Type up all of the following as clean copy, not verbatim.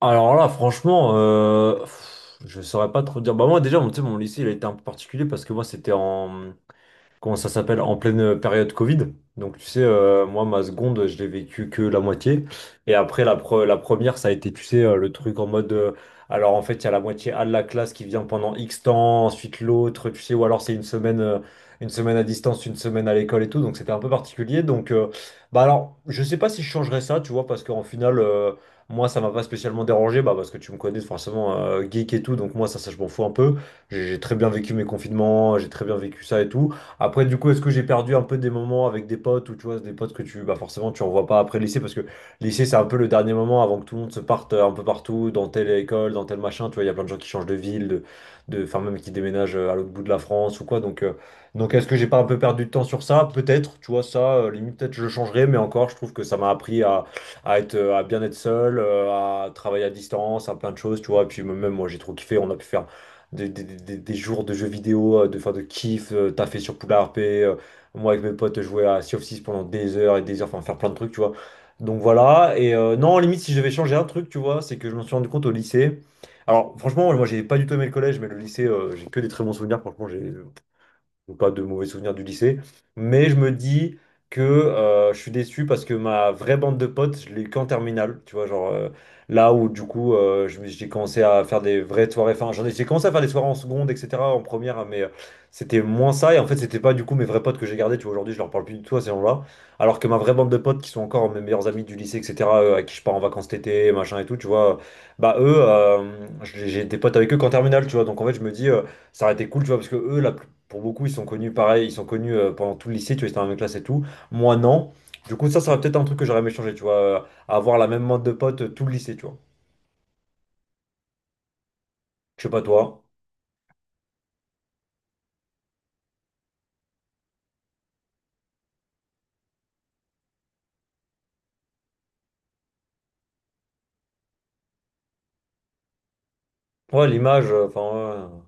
Alors là, franchement, je saurais pas trop dire. Bah moi déjà, tu sais, mon lycée, il a été un peu particulier parce que moi, c'était en, comment ça s'appelle, en pleine période Covid. Donc tu sais, moi, ma seconde, je l'ai vécu que la moitié. Et après, la première, ça a été, tu sais, le truc en mode. Alors en fait, il y a la moitié A de la classe qui vient pendant X temps, ensuite l'autre, tu sais, ou alors c'est une semaine à distance, une semaine à l'école et tout. Donc c'était un peu particulier. Bah alors, je sais pas si je changerais ça, tu vois, parce qu'en final. Moi, ça m'a pas spécialement dérangé, bah, parce que tu me connais forcément geek et tout, donc moi, ça je m'en fous un peu. J'ai très bien vécu mes confinements, j'ai très bien vécu ça et tout. Après, du coup, est-ce que j'ai perdu un peu des moments avec des potes ou tu vois, des potes que tu, bah, forcément, tu revois pas après le lycée parce que le lycée, c'est un peu le dernier moment avant que tout le monde se parte un peu partout, dans telle école, dans tel machin. Tu vois, il y a plein de gens qui changent de ville, enfin, même qui déménagent à l'autre bout de la France ou quoi. Donc est-ce que j'ai pas un peu perdu de temps sur ça? Peut-être, tu vois, limite, peut-être je le changerais, mais encore, je trouve que ça m'a appris à être, à bien être seul, à travailler à distance, à plein de choses, tu vois. Et puis, même moi, j'ai trop kiffé, on a pu faire des jours de jeux vidéo, de, enfin, de kiff, taffer sur Poulard P, moi avec mes potes jouer à Sea of Thieves pendant des heures et des heures, enfin faire plein de trucs, tu vois. Donc voilà, non, limite si je devais changer un truc, tu vois, c'est que je m'en suis rendu compte au lycée. Alors franchement, moi j'ai pas du tout aimé le collège, mais le lycée, j'ai que des très bons souvenirs, franchement, j'ai donc, pas de mauvais souvenirs du lycée. Mais je me dis que je suis déçu parce que ma vraie bande de potes, je l'ai eu qu'en terminale. Tu vois, genre là où du coup, j'ai commencé à faire des vraies soirées. Enfin, j'ai commencé à faire des soirées en seconde, etc., en première, mais c'était moins ça. Et en fait, c'était pas du coup mes vrais potes que j'ai gardés. Tu vois, aujourd'hui, je leur parle plus du tout à ces gens-là. Alors que ma vraie bande de potes qui sont encore mes meilleurs amis du lycée, etc., à qui je pars en vacances cet été, machin et tout, tu vois, bah eux, j'ai des potes avec eux qu'en terminale, tu vois. Donc en fait, je me dis, ça aurait été cool, tu vois, parce que eux, la plupart pour beaucoup, ils sont connus pareil, ils sont connus pendant tout le lycée, tu vois, ils étaient dans la même classe et tout. Moi, non. Du coup, ça serait peut-être un truc que j'aurais aimé changer, tu vois, avoir la même mode de potes tout le lycée, tu vois. Je sais pas toi. Ouais, l'image, enfin,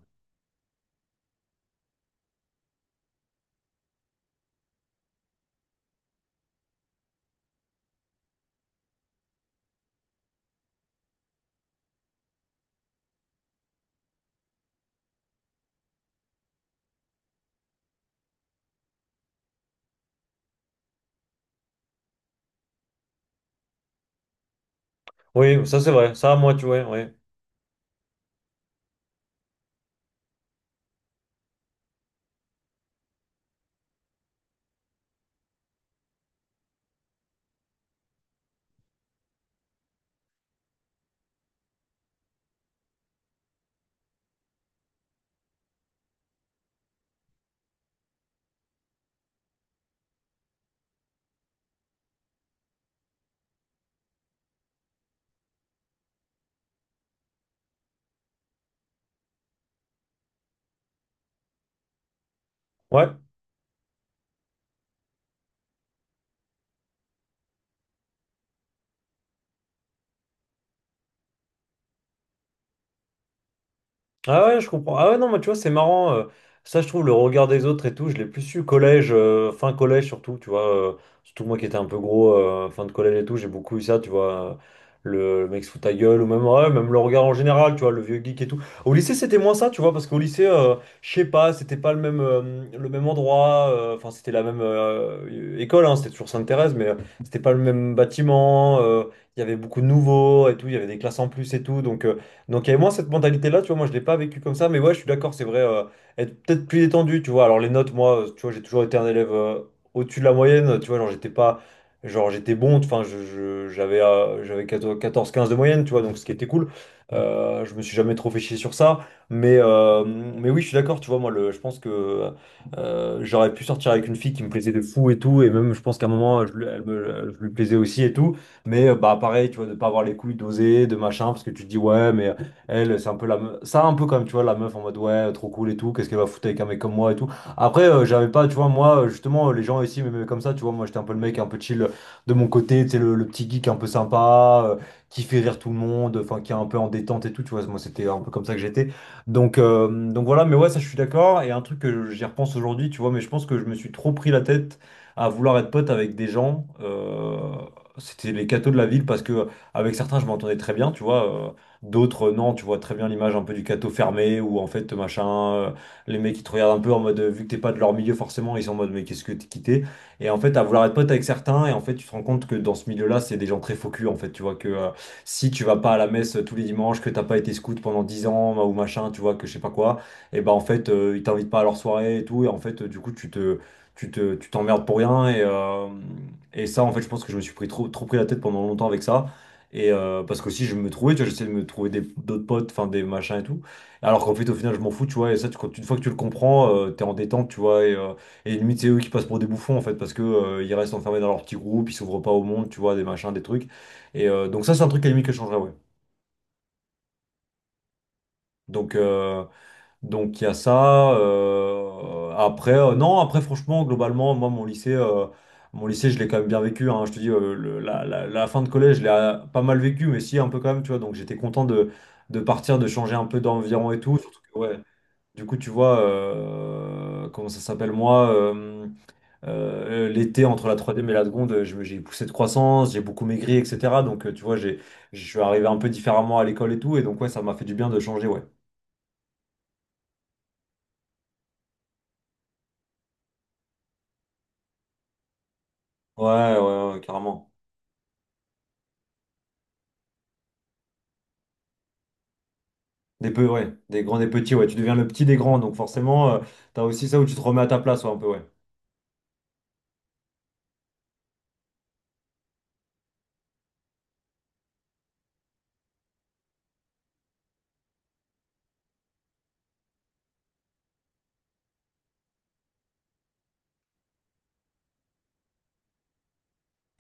ouais. Oui, ça c'est vrai. Ça, moi, tu vois, ouais. Ouais. Ah ouais, je comprends. Ah ouais, non, mais tu vois, c'est marrant. Ça, je trouve, le regard des autres et tout, je l'ai plus su collège, fin collège surtout, tu vois. Surtout moi qui étais un peu gros, fin de collège et tout, j'ai beaucoup eu ça, tu vois. Le mec se fout ta gueule, ou même, ouais, même le regard en général, tu vois, le vieux geek et tout. Au lycée, c'était moins ça, tu vois, parce qu'au lycée, je sais pas, c'était pas le même, le même endroit, enfin, c'était la même école, hein, c'était toujours Sainte-Thérèse, mais c'était pas le même bâtiment. Il y avait beaucoup de nouveaux et tout, il y avait des classes en plus et tout, donc il y avait moins cette mentalité-là, tu vois, moi je l'ai pas vécu comme ça, mais ouais, je suis d'accord, c'est vrai, être peut-être plus détendu, tu vois. Alors les notes, moi, tu vois, j'ai toujours été un élève au-dessus de la moyenne, tu vois, genre j'étais pas, genre j'étais bon, enfin, j'avais 14-15 de moyenne, tu vois, donc ce qui était cool. Je me suis jamais trop fait chier sur ça, mais oui, je suis d'accord, tu vois, moi, je pense que j'aurais pu sortir avec une fille qui me plaisait de fou et tout, et même je pense qu'à un moment, je lui plaisais aussi et tout, mais bah pareil, tu vois, de pas avoir les couilles d'oser, de machin, parce que tu te dis, ouais, mais. Elle, c'est un peu la meuf. Ça, un peu comme, tu vois, la meuf en mode, ouais, trop cool et tout, qu'est-ce qu'elle va foutre avec un mec comme moi et tout. Après, j'avais pas, tu vois, moi, justement, les gens ici mais comme ça, tu vois, moi, j'étais un peu le mec un peu chill de mon côté, tu sais, le petit geek un peu sympa, qui fait rire tout le monde, enfin, qui est un peu en détente et tout, tu vois, moi, c'était un peu comme ça que j'étais. Donc voilà, mais ouais, ça, je suis d'accord. Et un truc que j'y repense aujourd'hui, tu vois, mais je pense que je me suis trop pris la tête à vouloir être pote avec des gens. C'était les cathos de la ville parce que avec certains je m'entendais très bien, tu vois. D'autres, non, tu vois très bien l'image un peu du cateau fermé où en fait, machin, euh, les mecs ils te regardent un peu en mode, vu que t'es pas de leur milieu forcément, ils sont en mode, mais qu'est-ce que t'es quitté? Et en fait, à vouloir être pote avec certains, et en fait, tu te rends compte que dans ce milieu-là, c'est des gens très faux culs, en fait, tu vois, que si tu vas pas à la messe tous les dimanches, que t'as pas été scout pendant 10 ans bah, ou machin, tu vois, que je sais pas quoi, et ben en fait, ils t'invitent pas à leur soirée et tout, et en fait, du coup, tu t'emmerdes pour rien, et ça, en fait, je pense que je me suis trop pris la tête pendant longtemps avec ça. Parce que si je me trouvais, tu vois, j'essayais de me trouver d'autres potes, enfin des machins et tout. Alors qu'en fait, au final, je m'en fous, tu vois. Et ça, une fois que tu le comprends, t'es en détente, tu vois. Et limite, c'est eux qui passent pour des bouffons, en fait, parce que ils restent enfermés dans leur petit groupe, ils s'ouvrent pas au monde, tu vois, des machins, des trucs. Donc, ça, c'est un truc à la limite que je changerais, ouais. Donc, euh, Donc il y a ça. Après, non, après franchement, globalement, moi, mon lycée, je l'ai quand même bien vécu, hein. Je te dis, la fin de collège, je l'ai pas mal vécu, mais si un peu quand même, tu vois. Donc j'étais content de partir, de changer un peu d'environ et tout. Surtout que, ouais, du coup, tu vois, comment ça s'appelle moi, l'été entre la troisième et la seconde, j'ai poussé de croissance, j'ai beaucoup maigri, etc. Tu vois, je suis arrivé un peu différemment à l'école et tout, et donc ouais, ça m'a fait du bien de changer, ouais. Ouais, ouais, ouais, carrément. Des peu, ouais. Des grands, des petits, ouais. Tu deviens le petit des grands, donc forcément, t'as aussi ça où tu te remets à ta place, ouais, un peu, ouais.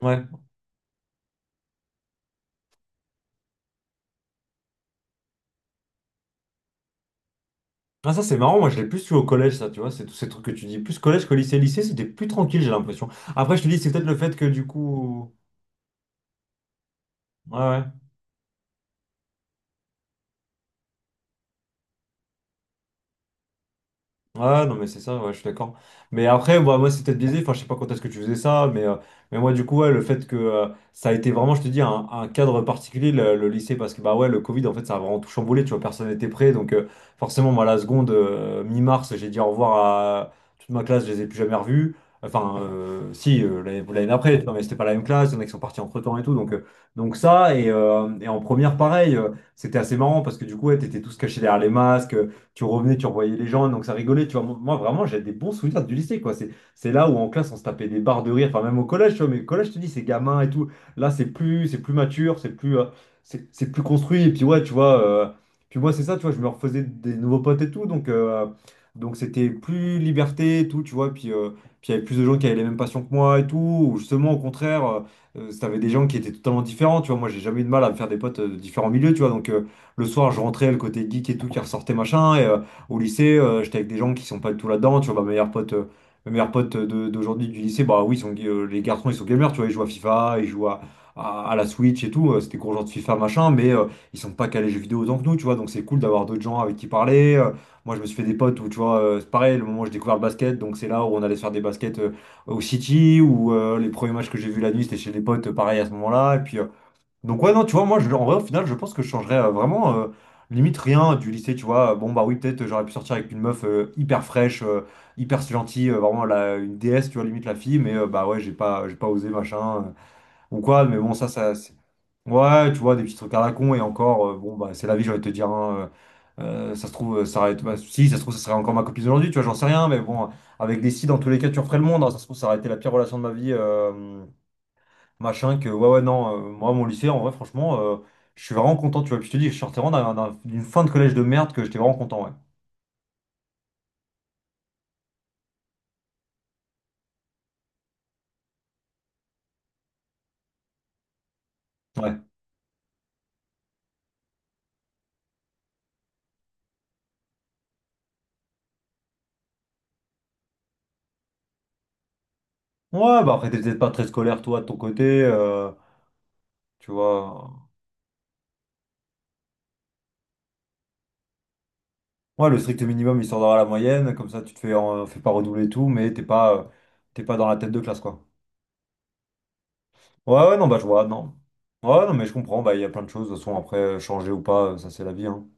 Ouais. Ah, ça, c'est marrant. Moi, je l'ai plus eu au collège, ça, tu vois. C'est tous ces trucs que tu dis. Plus collège que lycée. Lycée, c'était plus tranquille, j'ai l'impression. Après, je te dis, c'est peut-être le fait que, du coup. Ouais, ouais. Ouais, non, mais c'est ça, ouais, je suis d'accord. Mais après, bah, moi, c'est peut-être biaisé. Enfin, je sais pas quand est-ce que tu faisais ça, mais moi, du coup, ouais, le fait que ça a été vraiment, je te dis, un cadre particulier, le lycée, parce que, bah ouais, le Covid, en fait, ça a vraiment tout chamboulé, tu vois, personne n'était prêt. Donc, forcément, moi, la seconde, mi-mars, j'ai dit au revoir à toute ma classe, je les ai plus jamais revus. Enfin, si, l'année d'après, tu vois, mais c'était pas la même classe, il y en a qui sont partis entre-temps et tout. Donc ça, et en première, pareil, c'était assez marrant, parce que, du coup, ouais, t'étais tous cachés derrière les masques, tu revenais, tu revoyais les gens, donc ça rigolait, tu vois. Moi, vraiment, j'ai des bons souvenirs du lycée, quoi. C'est là où en classe, on se tapait des barres de rire, enfin, même au collège, tu vois, mais au collège, je te dis, c'est gamin et tout. Là, c'est plus mature, c'est plus, c'est plus construit, et puis ouais, tu vois, puis moi, c'est ça, tu vois, je me refaisais des nouveaux potes et tout, donc c'était plus liberté et tout, tu vois, et puis, puis il y avait plus de gens qui avaient les mêmes passions que moi et tout, ou justement, au contraire. T'avais des gens qui étaient totalement différents, tu vois. Moi, j'ai jamais eu de mal à me faire des potes de différents milieux, tu vois. Donc, le soir, je rentrais, le côté geek et tout qui ressortait, machin. Et au lycée, j'étais avec des gens qui sont pas du tout là-dedans. Tu vois, ma meilleure pote de- d'aujourd'hui du lycée, bah oui, ils sont, les garçons, ils sont gamers, tu vois, ils jouent à FIFA, ils jouent à la Switch et tout. C'était gros genre de FIFA, machin, mais ils sont pas calés jeux vidéo autant que nous, tu vois. Donc c'est cool d'avoir d'autres gens avec qui parler. Moi, je me suis fait des potes où, tu vois, c'est pareil, le moment où j'ai découvert le basket, donc c'est là où on allait se faire des baskets au City, où les premiers matchs que j'ai vus la nuit, c'était chez des potes, pareil à ce moment-là. Et puis, donc ouais, non, tu vois, moi, je, en vrai, au final, je pense que je changerais vraiment, limite rien du lycée, tu vois. Bon, bah oui, peut-être j'aurais pu sortir avec une meuf hyper fraîche, hyper gentille, vraiment la, une déesse, tu vois, limite la fille, mais bah ouais, j'ai pas osé, machin, ou quoi, mais bon, ça, c'est- Ouais, tu vois, des petits trucs à la con, et encore, bon, bah c'est la vie, j'ai envie de te dire, hein, ça se trouve, ça aurait été- bah, si, ça se trouve, ça serait encore ma copine aujourd'hui, tu vois, j'en sais rien, mais bon, avec des si, dans tous les cas, tu referais le monde, hein, ça se trouve, ça aurait été la pire relation de ma vie. Machin que, ouais, ouais, non, moi, mon lycée, en vrai, franchement, je suis vraiment content, tu vois. Puis je te dis, je sortais vraiment d'un- d'un- d'une fin de collège de merde que j'étais vraiment content, ouais. Ouais. Ouais, bah après, t'es peut-être pas très scolaire, toi, de ton côté, tu vois. Ouais, le strict minimum, histoire d'avoir la moyenne, comme ça, tu te fais, fais pas redoubler et tout, mais t'es pas dans la tête de classe, quoi. Ouais, ouais, non, bah, je vois, non. Ouais, non, mais je comprends, bah, il y a plein de choses, de toute façon, après, changer ou pas, ça, c'est la vie, hein.